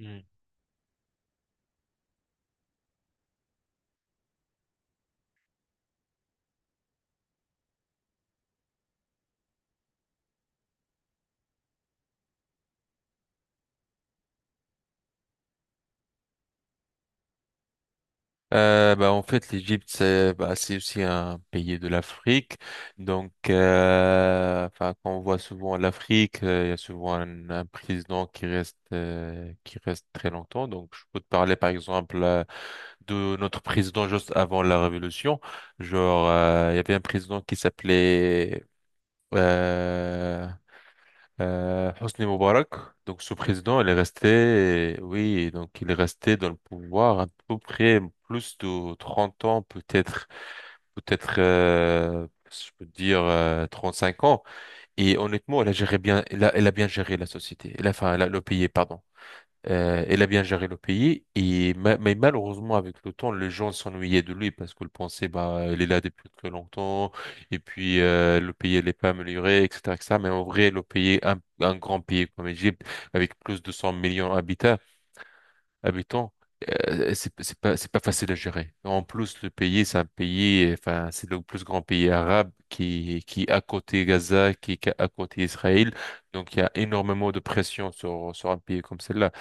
Mm. En fait, l'Égypte, c'est aussi un pays de l'Afrique. Donc, quand on voit souvent l'Afrique, il y a souvent un président qui reste très longtemps. Donc, je peux te parler, par exemple, de notre président juste avant la Révolution. Genre, il y avait un président qui s'appelait… euh, Hosni Moubarak, donc ce président, il est resté, oui, donc il est resté dans le pouvoir à peu près plus de 30 ans, peut-être, je peux dire 5 ans. Et honnêtement, elle a géré bien, elle a bien géré la société, elle a- enfin la- le pays, pardon. Elle a bien géré le pays, et mais malheureusement, avec le temps, les gens s'ennuyaient de lui parce qu'ils pensaient bah elle est là depuis très longtemps et puis le pays elle est pas amélioré, etc, etc. Mais en vrai, le pays, un grand pays comme l'Égypte avec plus de 100 millions d'habitants habitants c'est pas facile à gérer. En plus, le pays, c'est un pays, enfin c'est le plus grand pays arabe qui est à côté Gaza, qui est à côté Israël. Donc il y a énormément de pression sur un pays comme celle-là.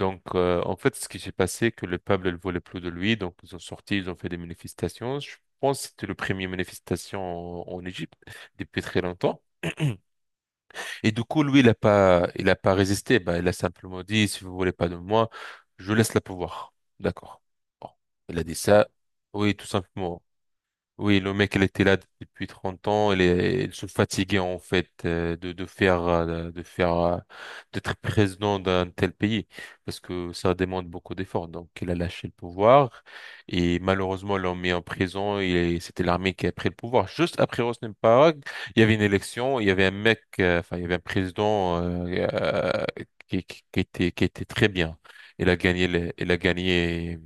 Donc, en fait, ce qui s'est passé, que le peuple ne voulait plus de lui. Donc, ils ont sorti, ils ont fait des manifestations. Je pense que c'était le premier manifestation en Égypte depuis très longtemps. Et du coup, lui, il a pas résisté. Bah, il a simplement dit, si vous voulez pas de moi, je laisse le pouvoir. D'accord. Bon. Il a dit ça. Oui, tout simplement. Oui, le mec, il était là depuis 30 ans. Il, est, il se fatiguait en fait, de faire, d'être président d'un tel pays parce que ça demande beaucoup d'efforts. Donc, il a lâché le pouvoir et malheureusement, ils l'ont mis en prison. Et c'était l'armée qui a pris le pouvoir. Juste après Hosni Mubarak, il y avait une élection. Il y avait un mec, il y avait un président, qui était très bien. Il a gagné,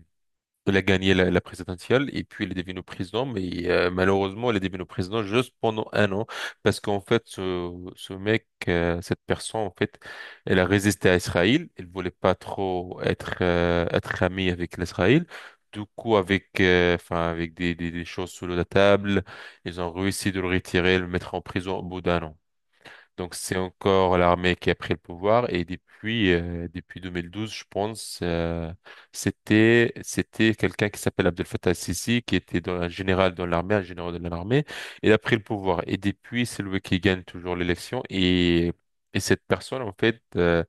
elle a gagné la présidentielle, et puis elle est devenue président, mais malheureusement, elle est devenue président juste pendant un an, parce qu'en fait, ce mec, cette personne, en fait, elle a résisté à Israël. Elle voulait pas trop être, amie avec l'Israël. Du coup, avec, des choses sous la table, ils ont réussi de le retirer, et le mettre en prison au bout d'un an. Donc c'est encore l'armée qui a pris le pouvoir, et depuis, depuis 2012 je pense, c'était quelqu'un qui s'appelle Abdel Fattah el-Sisi, qui était un général dans l'armée, un général de l'armée il a pris le pouvoir, et depuis c'est lui qui gagne toujours l'élection. Et cette personne en fait,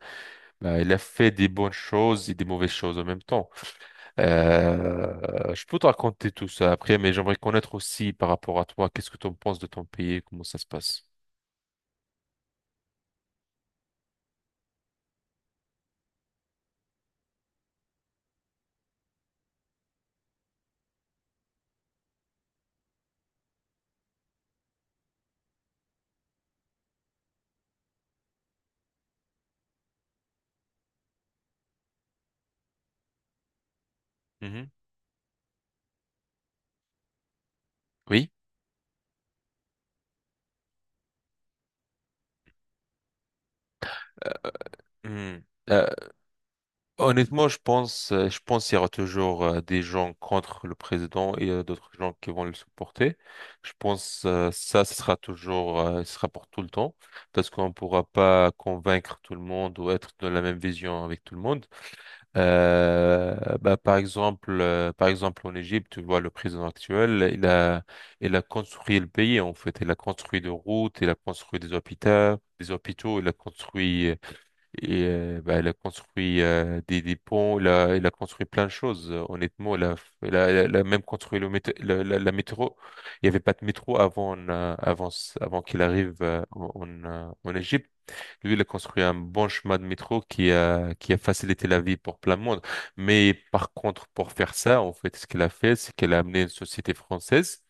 bah, elle a fait des bonnes choses et des mauvaises choses en même temps. Je peux te raconter tout ça après, mais j'aimerais connaître aussi par rapport à toi qu'est-ce que tu en penses de ton pays, comment ça se passe. Mhm. Oui. Hmm. Euh, Honnêtement, je pense, qu'il y aura toujours, des gens contre le président, et d'autres gens qui vont le supporter. Je pense, ça, ce sera toujours, ce sera pour tout le temps, parce qu'on ne pourra pas convaincre tout le monde ou être de la même vision avec tout le monde. Euh, Par exemple, en Égypte, tu vois le président actuel, il a construit le pays en fait, il a construit des routes, il a construit des hôpitaux, il a construit, et bah, elle a construit, des ponts, elle a construit plein de choses. Honnêtement, elle a même construit le métro, la métro. Il n'y avait pas de métro avant, avant qu'il arrive, en Égypte. Lui, il a construit un bon chemin de métro qui a facilité la vie pour plein de monde. Mais par contre, pour faire ça, en fait, ce qu'elle a fait, c'est qu'elle a amené une société française,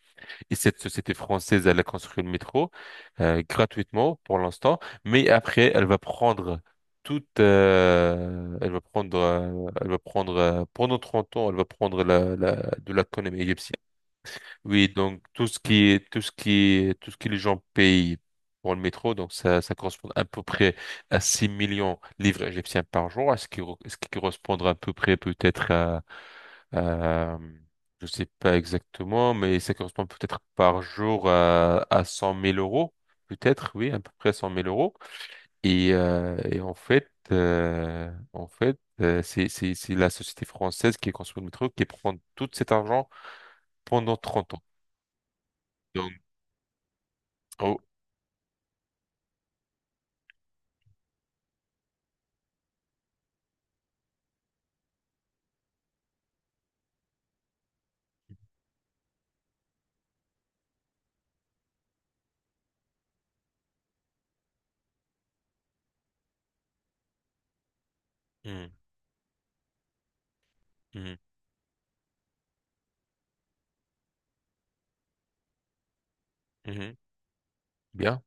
et cette société française, elle a construit le métro, gratuitement pour l'instant, mais après, elle va prendre toute, elle va prendre pendant 30 ans, elle va prendre de l'économie égyptienne. Oui, donc tout ce que les gens payent pour le métro, donc ça correspond à peu près à 6 millions de livres égyptiens par jour, à ce qui, ce qui correspondra à peu près peut-être à, euh, je sais pas exactement, mais ça correspond peut-être par jour à 100 000 euros, peut-être, oui, à peu près 100 000 euros. Et, c'est la société française qui est construite le métro qui prend tout cet argent pendant 30 ans. Donc, oh, hmm, hmm, hmm, bien,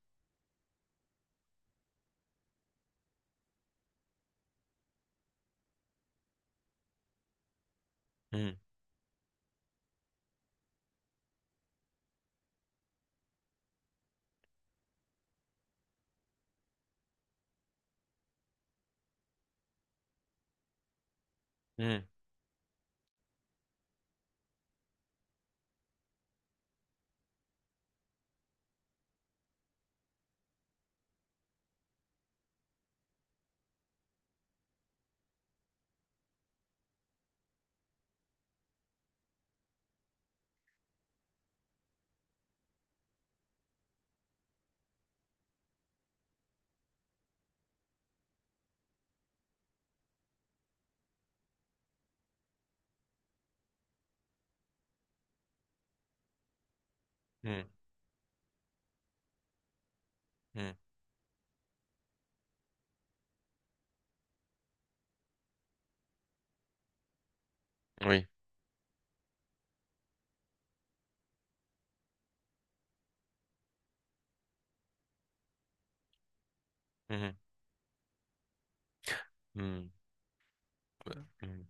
hmm, hmm, hmm, hmm, oui, hmm, hmm, hmm,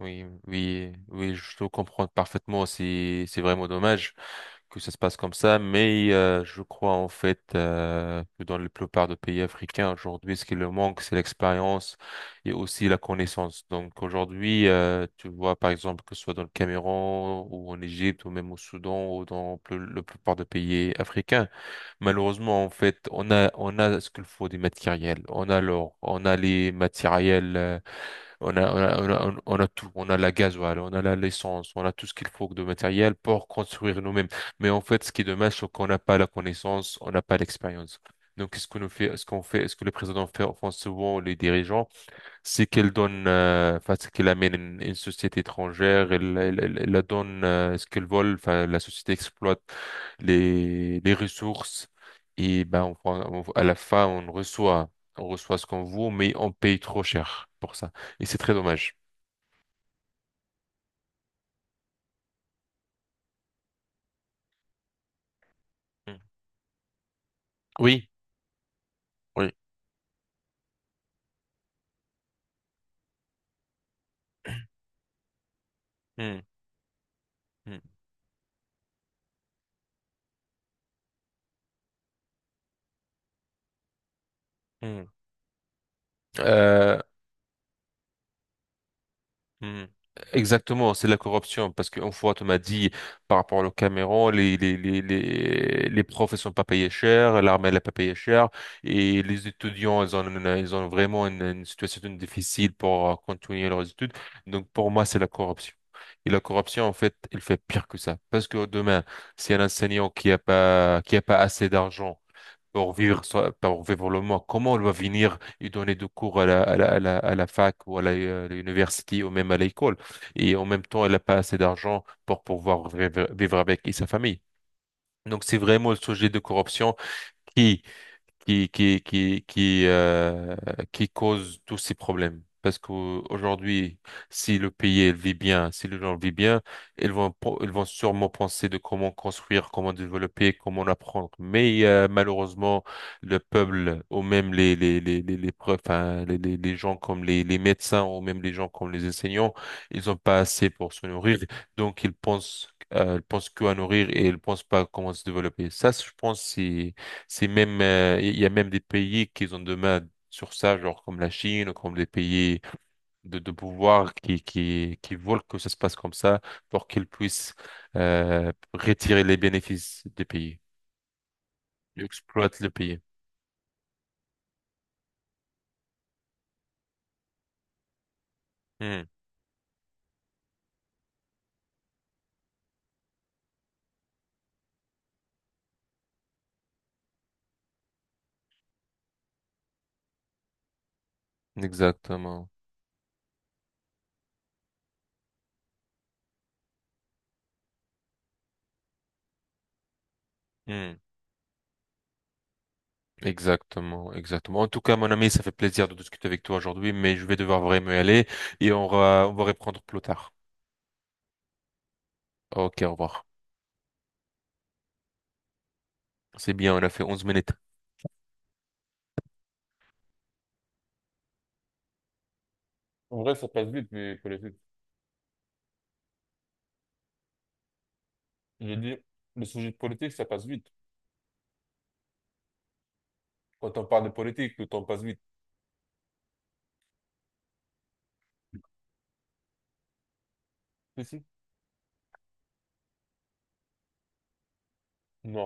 oui, oui, oui, je te comprends parfaitement. C'est vraiment dommage que ça se passe comme ça, mais, je crois en fait, que dans la plupart des pays africains aujourd'hui, ce qui leur manque, c'est l'expérience et aussi la connaissance. Donc aujourd'hui, tu vois par exemple que ce soit dans le Cameroun, ou en Égypte, ou même au Soudan, ou dans la plupart des pays africains, malheureusement, en fait, on a ce qu'il faut des matériels, on a l'or, on a les matériels, on a tout. On a la gasoil, l'essence, on a tout ce qu'il faut de matériel pour construire nous-mêmes. Mais en fait, ce qui est dommage, c'est qu'on n'a pas la connaissance, on n'a pas l'expérience. Donc, ce qu'on nous fait, ce qu'on fait, ce que le président fait, enfin, souvent les dirigeants, c'est qu'elle donne, c'est qu'elle amène, une société étrangère, elle la donne, ce qu'elle vole, enfin, la société exploite les ressources, et ben, on, à la fin, on reçoit, ce qu'on vaut, mais on paye trop cher pour ça. Et c'est très dommage. Mm. Oui, oui. Mm, mm, mm. Euh, Mhm. Exactement, c'est de la corruption. Parce qu'une fois, tu m'as dit, par rapport au Cameroun, les profs, ils sont pas payés cher, l'armée, elle n'est pas payée cher, et les étudiants, ils ont, ils ont vraiment, une situation difficile pour, continuer leurs études. Donc, pour moi, c'est la corruption. Et la corruption, en fait, elle fait pire que ça. Parce que demain, si un enseignant qui a pas assez d'argent pour vivre, pour vivre le mois. Comment elle va venir, ils donnaient des cours à la fac, ou à l'université, ou même à l'école. Et en même temps, elle n'a pas assez d'argent pour pouvoir vivre, vivre avec et sa famille. Donc, c'est vraiment le sujet de corruption qui qui qui qui qui euh, qui cause tous ces problèmes. Parce qu'aujourd'hui, si le pays il vit bien, si les gens vivent bien, ils vont sûrement penser de comment construire, comment développer, comment apprendre. Mais, malheureusement, le peuple, ou même les, preuves, hein, les gens comme les médecins, ou même les gens comme les enseignants, ils ont pas assez pour se nourrir. Donc ils pensent qu'à nourrir, et ils pensent pas à comment se développer. Ça, je pense, c'est même, il y a même des pays qui ont des mains sur ça, genre comme la Chine, ou comme des pays de pouvoir, qui veulent que ça se passe comme ça pour qu'ils puissent, retirer les bénéfices des pays. Ils exploitent le pays. Hmm, exactement. Hmm, exactement, exactement. En tout cas, mon ami, ça fait plaisir de discuter avec toi aujourd'hui, mais je vais devoir vraiment y aller, et on va reprendre plus tard. Ok, au revoir. C'est bien, on a fait 11 minutes. En vrai, ça passe vite, mais pour les… J'ai dit, le sujet de politique, ça passe vite. Quand on parle de politique, le temps passe vite. Si, si. Non,